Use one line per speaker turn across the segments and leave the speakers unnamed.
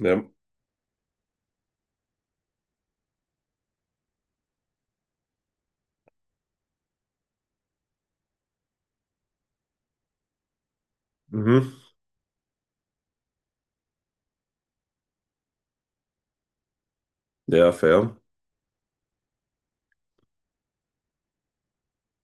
Ja. Mhm. Ja, fair.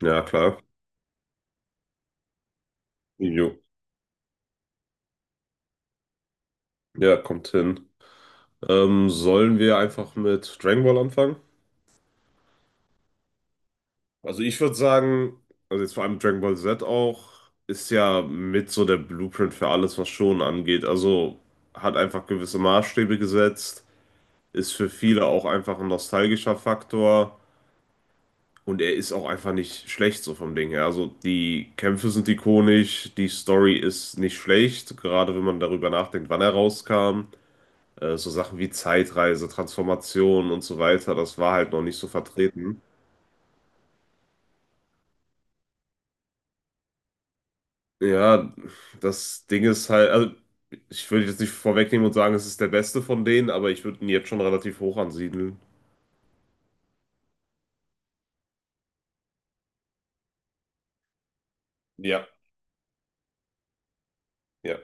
Ja, klar. Jo. Ja, kommt hin. Sollen wir einfach mit Dragon Ball anfangen? Also ich würde sagen, also jetzt vor allem Dragon Ball Z auch, ist ja mit so der Blueprint für alles, was Shonen angeht. Also hat einfach gewisse Maßstäbe gesetzt, ist für viele auch einfach ein nostalgischer Faktor und er ist auch einfach nicht schlecht so vom Ding her. Also die Kämpfe sind ikonisch, die Story ist nicht schlecht, gerade wenn man darüber nachdenkt, wann er rauskam. So Sachen wie Zeitreise, Transformation und so weiter, das war halt noch nicht so vertreten. Ja, das Ding ist halt, also ich würde jetzt nicht vorwegnehmen und sagen, es ist der beste von denen, aber ich würde ihn jetzt schon relativ hoch ansiedeln. Ja, ja,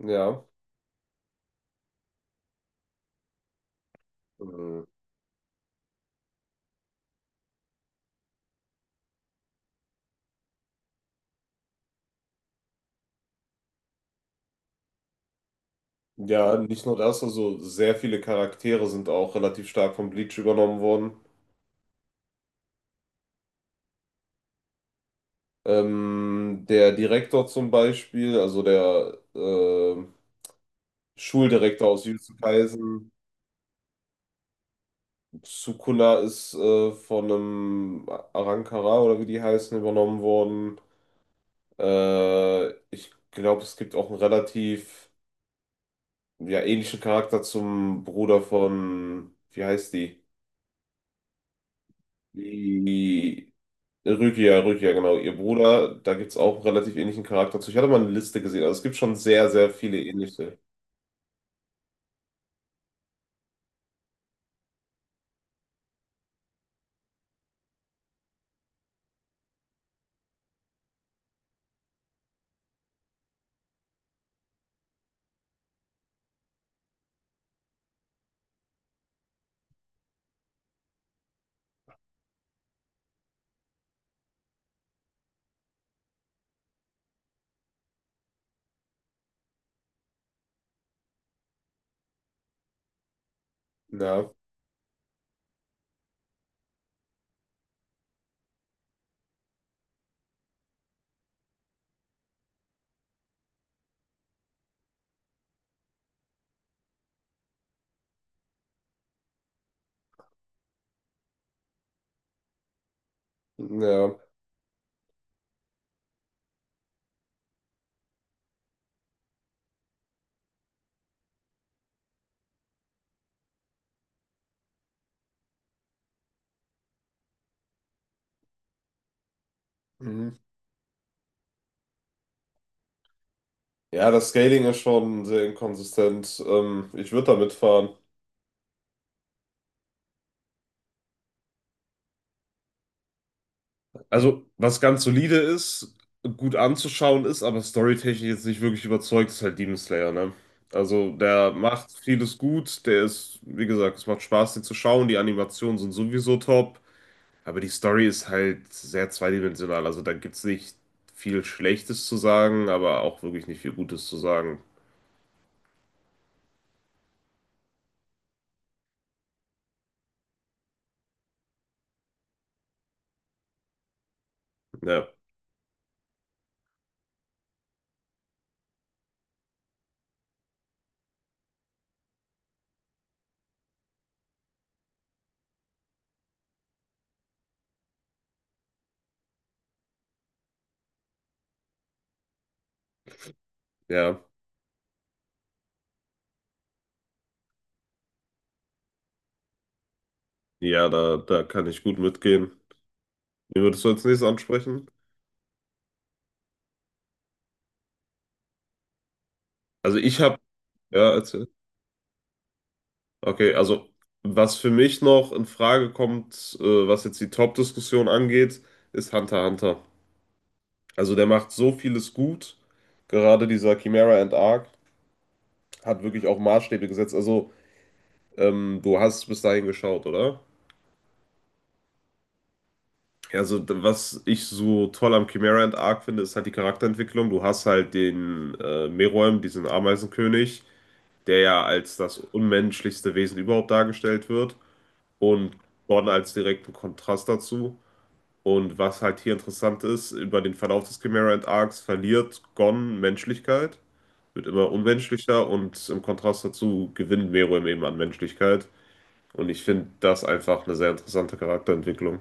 ja. Ähm, Ja, nicht nur das, also sehr viele Charaktere sind auch relativ stark von Bleach übernommen worden. Der Direktor zum Beispiel, also der Schuldirektor aus Jujutsu Kaisen, Sukuna ist von einem Arankara oder wie die heißen, übernommen worden. Ich glaube, es gibt auch einen relativ ja, ähnlichen Charakter zum Bruder von, wie heißt die? Die Rukia, genau, ihr Bruder. Da gibt es auch einen relativ ähnlichen Charakter zu. Ich hatte mal eine Liste gesehen, also es gibt schon sehr, sehr viele ähnliche. Ja, ja. Mhm. Ja, das Scaling ist schon sehr inkonsistent. Ich würde da mitfahren. Also, was ganz solide ist, gut anzuschauen ist, aber storytechnisch jetzt nicht wirklich überzeugt, ist halt Demon Slayer, ne? Also, der macht vieles gut, der ist, wie gesagt, es macht Spaß, den zu schauen, die Animationen sind sowieso top, aber die Story ist halt sehr zweidimensional, also da gibt's nicht viel Schlechtes zu sagen, aber auch wirklich nicht viel Gutes zu sagen. Ja, ja, ja, da kann ich gut mitgehen. Wie würdest du als nächstes ansprechen? Also, ich habe, ja, erzähl. Okay, also was für mich noch in Frage kommt, was jetzt die Top-Diskussion angeht, ist Hunter x Hunter. Also der macht so vieles gut. Gerade dieser Chimera and Arc hat wirklich auch Maßstäbe gesetzt. Also du hast bis dahin geschaut, oder? Ja, also was ich so toll am Chimera and Arc finde, ist halt die Charakterentwicklung. Du hast halt den Meruem, diesen Ameisenkönig, der ja als das unmenschlichste Wesen überhaupt dargestellt wird. Und Gordon als direkten Kontrast dazu. Und was halt hier interessant ist, über den Verlauf des Chimera and Arcs verliert Gon Menschlichkeit, wird immer unmenschlicher und im Kontrast dazu gewinnt Meruem eben an Menschlichkeit. Und ich finde das einfach eine sehr interessante Charakterentwicklung.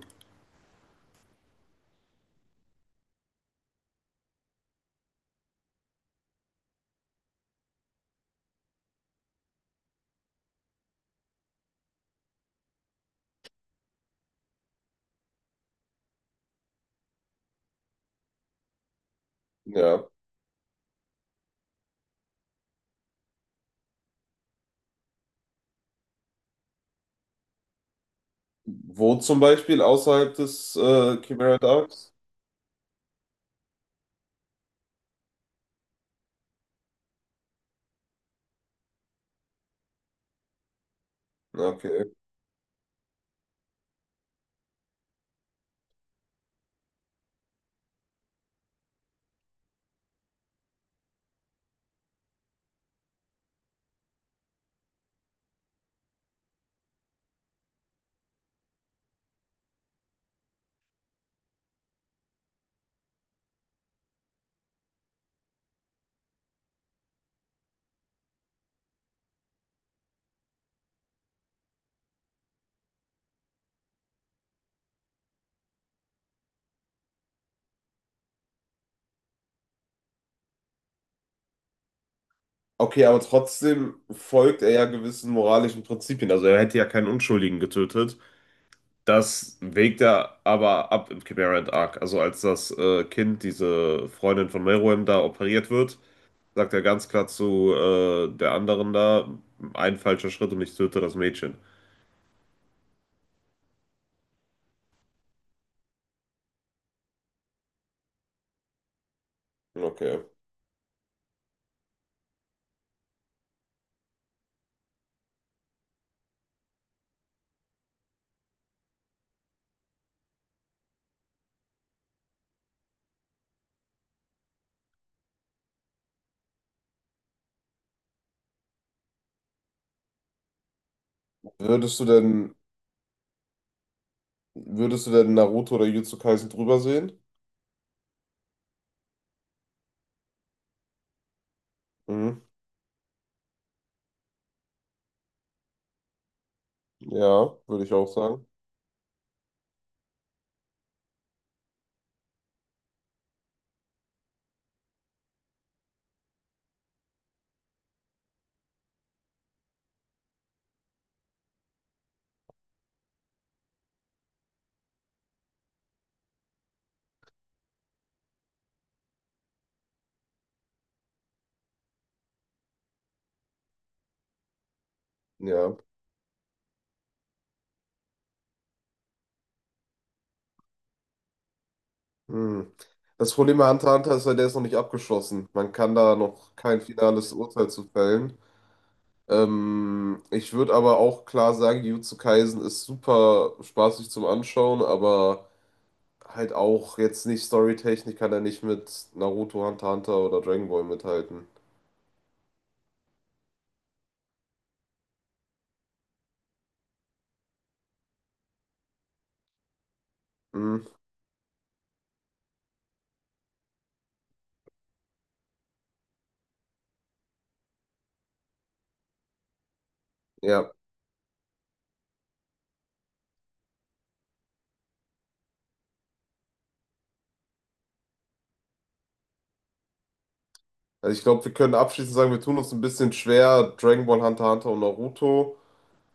Ja. Wo zum Beispiel außerhalb des Chimera and Okay. Okay, aber trotzdem folgt er ja gewissen moralischen Prinzipien. Also er hätte ja keinen Unschuldigen getötet. Das wägt er aber ab im Chimera and Arc. Also als das Kind, diese Freundin von Meruem da operiert wird, sagt er ganz klar zu der anderen da, ein falscher Schritt und ich töte das Mädchen. Okay. Würdest du denn, Würdest du denn Naruto oder Jujutsu Kaisen drüber sehen? Mhm. Ja, würde ich auch sagen. Ja. Hm. Das Problem bei Hunter x Hunter ist ja, der ist noch nicht abgeschlossen. Man kann da noch kein finales Urteil zu fällen. Ich würde aber auch klar sagen, Jujutsu Kaisen ist super spaßig zum Anschauen, aber halt auch jetzt nicht storytechnisch kann er nicht mit Naruto, Hunter x Hunter oder Dragon Ball mithalten. Mhm. Ja, also ich glaube, wir können abschließend sagen, wir tun uns ein bisschen schwer, Dragon Ball, Hunter x Hunter und Naruto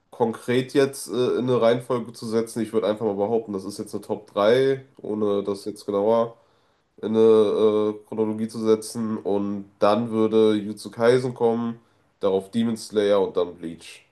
konkret jetzt in eine Reihenfolge zu setzen. Ich würde einfach mal behaupten, das ist jetzt eine Top 3, ohne das jetzt genauer. In eine Chronologie zu setzen und dann würde Jujutsu Kaisen kommen, darauf Demon Slayer und dann Bleach.